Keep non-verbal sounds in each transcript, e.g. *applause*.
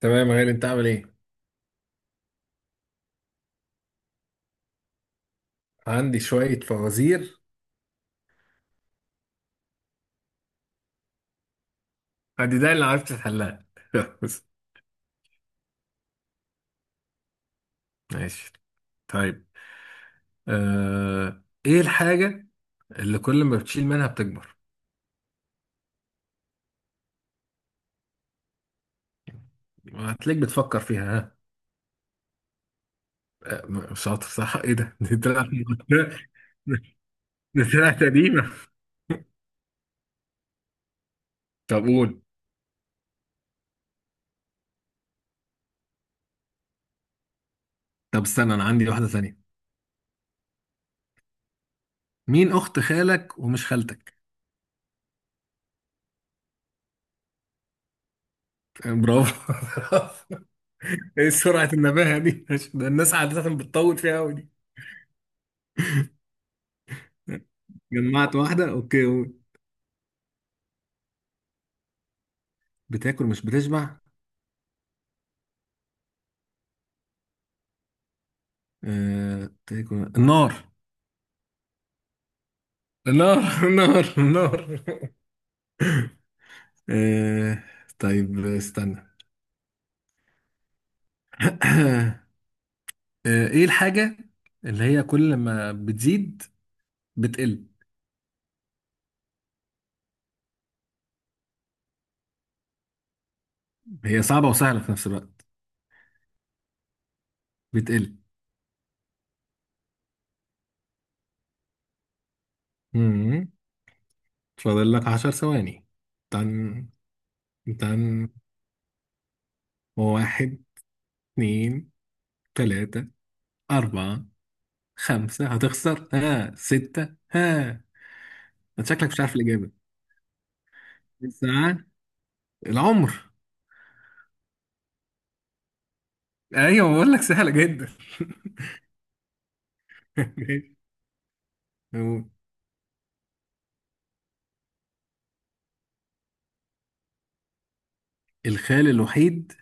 تمام يا غالي، انت عامل ايه؟ عندي شوية فوازير. عندي ده اللي عرفت تحلها *laughs* بس. ماشي. طيب ايه الحاجة اللي كل ما بتشيل منها بتكبر؟ هتلاقيك بتفكر فيها، ها. آه، شاطر، صح، ايه ده؟ *laughs* دي طلعت *laughs* دي طلعت قديمة. طب قول. طب استنى، انا عندي واحدة ثانية. مين اخت خالك ومش خالتك؟ آه، برافو. *laughs* ايه سرعة النباهة دي *laughs* ده الناس عادة بتطول فيها قوي دي. *laughs* جمعت واحدة، اوكي. بتاكل مش بتشبع. تاكل النار. النار *laughs* النار النار. آه... طيب استنى. *coughs* *clears throat* آه... ايه الحاجة اللي هي كل ما بتزيد بتقل؟ هي صعبة وسهلة في نفس الوقت. بتقل. مم. فاضل لك 10 ثواني. تن تن، واحد، اتنين، تلاتة، أربعة، خمسة، هتخسر، ها، ستة، ها. انت شكلك مش عارف الإجابة. الساعة. العمر. ايوه، بقول لك سهله جدا. *laughs* الخال الوحيد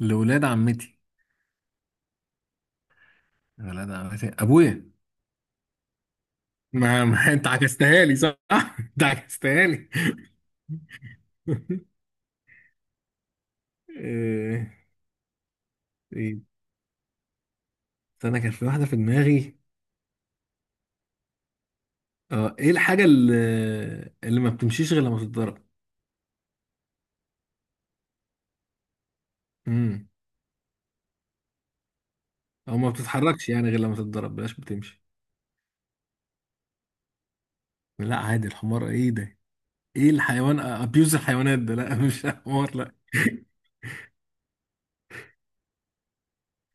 لولاد عمتي؟ ولاد عمتي ابويا. ما انت عكستها لي، صح *laughs* انت عكستها لي *laughs* إيه. إيه، استنى، كان في واحده في دماغي. اه، ايه الحاجه اللي ما بتمشيش غير لما تتضرب؟ امم او ما بتتحركش يعني غير لما تتضرب، بلاش بتمشي. لا عادي، الحمار، ايه ده، ايه الحيوان، ابيوز الحيوانات ده، لا *laughs* مش حمار، لا *laughs*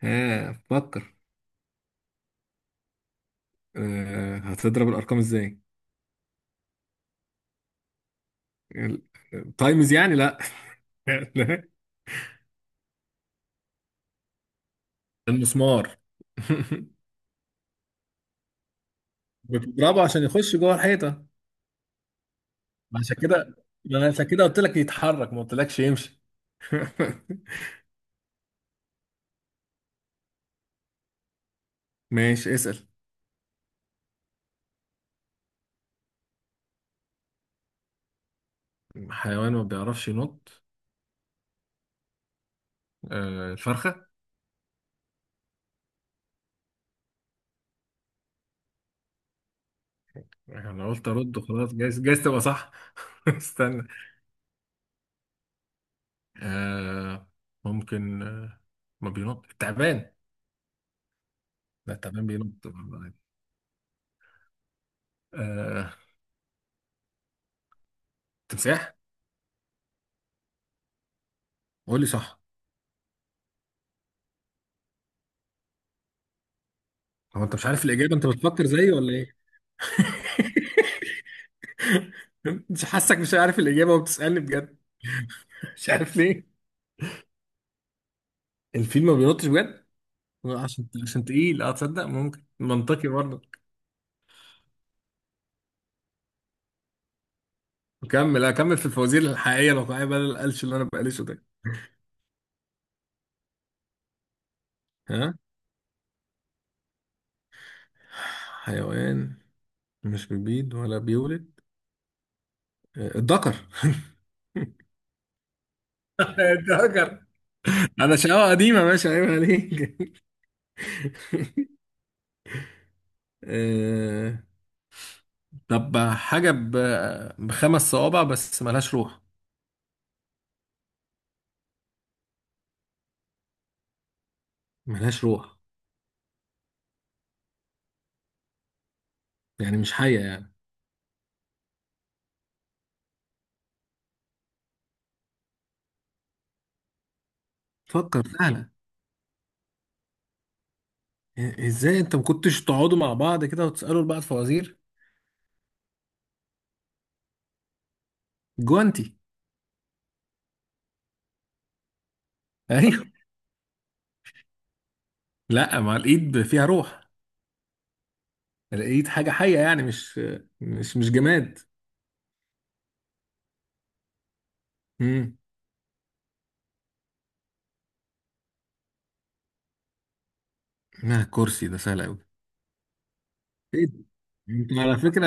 ها فكر. أه، هتضرب الارقام ازاي؟ تايمز يعني؟ لا *laughs* لا. المسمار *laughs* بتضربه عشان يخش جوه الحيطه. عشان كده، ما انا عشان كده قلت لك يتحرك، ما قلتلكش يمشي. *laughs* ماشي، اسأل. حيوان ما بيعرفش ينط؟ آه، الفرخه. انا قلت ارد وخلاص، جايز جايز تبقى صح. *laughs* استنى. آه، ممكن. آه، ما بينط التعبان. لا التعبان بينط. آه، تمساح. قول لي صح. هو انت مش عارف الاجابه، انت بتفكر زيي ولا ايه؟ مش حاسك مش عارف الإجابة وبتسألني بجد، مش عارف ليه. الفيل ما بينطش بجد. عشان عشان تقيل، اه تصدق ممكن منطقي برضه. نكمل، اكمل في الفوازير الحقيقية الواقعية بدل القلش اللي انا بقلشه ده. ها. حيوان مش بيبيض ولا بيولد؟ آه، الذكر *laughs* الذكر. انا شقاوة قديمة، ماشي عيب عليك. *laughs* آه، طب حاجة بخمس صوابع بس ملهاش روح. ملهاش روح. يعني مش حية يعني. فكر، سهلة. ازاي انت ما كنتش تقعدوا مع بعض كده وتسالوا لبعض فوازير؟ جوانتي. *laughs* ايوه. لا، ما الايد فيها روح. الايد حاجه حيه يعني، مش مش جماد. امم. لا، الكرسي ده سهل قوي. ايه ده؟ انت على فكره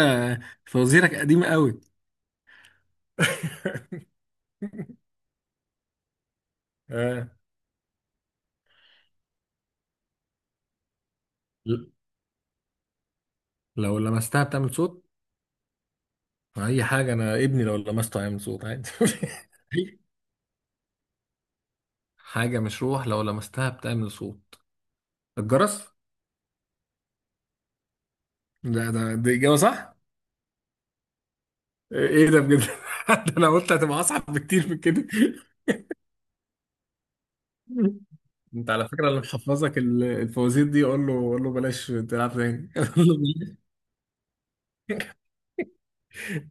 فوازيرك قديمه قوي. *laughs* آه. ل- لو لمستها بتعمل صوت؟ اي حاجه، انا ابني لو لمسته هيعمل صوت عادي. *laughs* حاجه مش روح لو لمستها بتعمل صوت، الجرس. ده ده دي اجابه صح. ايه ده بجد *laughs* ده انا قلت هتبقى اصعب بكتير من كده. انت على فكره اللي محفظك الفوازير دي، قول له، قول له بلاش تلعب تاني *laughs* قول له بلاش.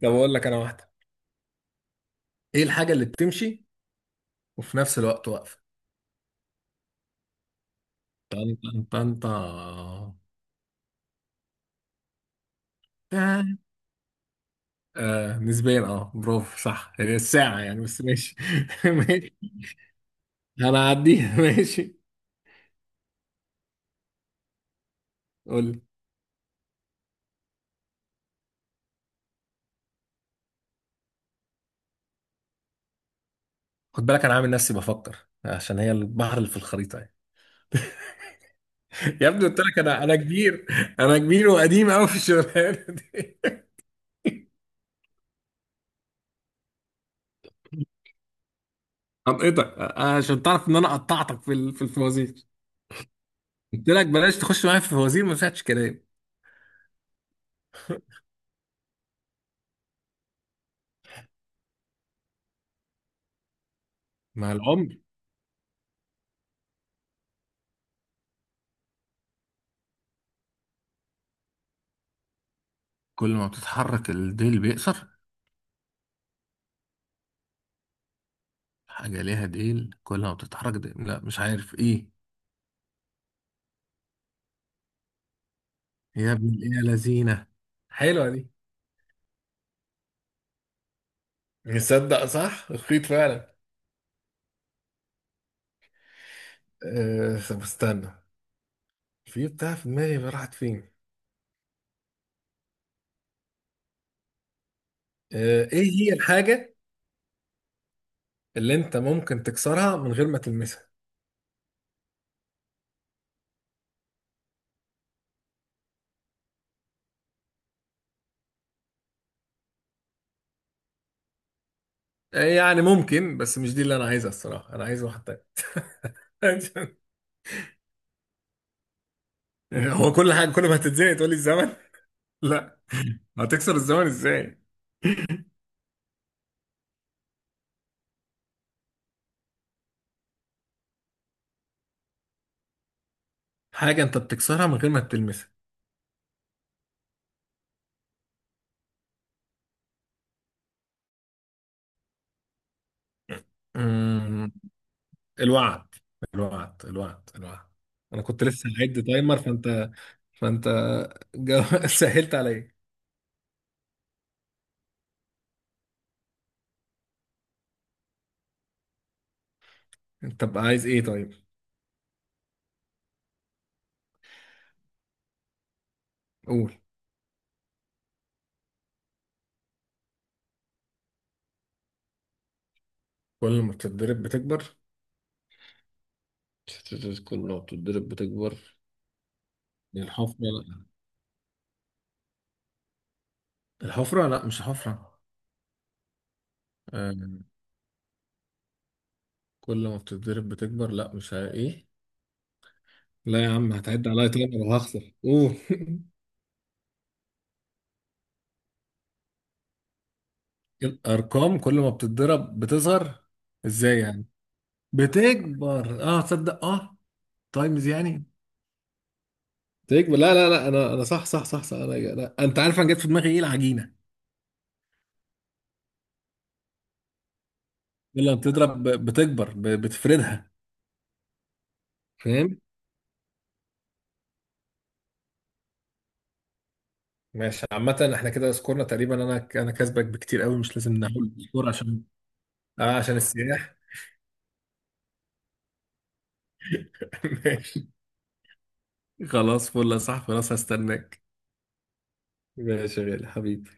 طب اقول لك انا واحده. ايه الحاجه اللي بتمشي وفي نفس الوقت واقفه؟ انت انت. آه، نسبيا، اه برافو صح، هي الساعه يعني، بس ماشي *laughs* ماشي. انا هعديها *laughs* ماشي. قول لي. خد بالك انا عامل نفسي بفكر، عشان هي البحر اللي في الخريطه يعني. يا ابني قلت لك، انا كبير، انا كبير وقديم قوي في الشغلانه دي. هنقطعك عشان تعرف ان انا قطعتك في في الفوازير. قلت لك بلاش تخش معايا في الفوازير، ما فيهاش كلام. مع العمر. كل ما بتتحرك الديل بيقصر. حاجة ليها ديل كل ما بتتحرك ديل. لا مش عارف ايه. يا ابن الايه لذينة، حلوة دي. نصدق صح، اخيط فعلا. أه طب استنى، في بتاع في دماغي راحت فين. آه، ايه هي الحاجه اللي انت ممكن تكسرها من غير ما تلمسها؟ يعني ممكن، بس مش دي اللي انا عايزها الصراحه، انا عايز واحد تاني. *laughs* هو كل حاجه كل ما هتتزنق تقول لي الزمن؟ *laughs* لا، هتكسر الزمن ازاي؟ حاجه انت بتكسرها من غير ما بتلمسها. أمم، الوعد. الوعد الوعد الوعد. انا كنت لسه هعد تايمر، فانت *laughs* سهلت عليا. انت بقى عايز ايه طيب؟ قول. كل ما بتتضرب بتكبر. *laughs* كل ما بتتضرب بتكبر. الحفره؟ لا الحفره، لا مش الحفره. كل ما بتتضرب بتكبر، لا مش ايه. لا يا عم هتعد عليا تاني لو هخسر، اوه *laughs* الارقام كل ما بتتضرب بتصغر. ازاي يعني؟ بتكبر؟ اه تصدق اه. تايمز يعني؟ بتكبر، لا لا لا، انا صح صح صح صح، انا لا. انت عارف انا جت في دماغي ايه، العجينه. كل ما بتضرب بتكبر، بتفردها، فاهم؟ ماشي، عامة احنا كده سكورنا تقريبا، انا كاسبك بكتير قوي، مش لازم نقول سكور عشان. اه عشان السياح. *laughs* ماشي. خلاص، فل يا صاحبي، خلاص هستناك. ماشي يا غالي، حبيبي.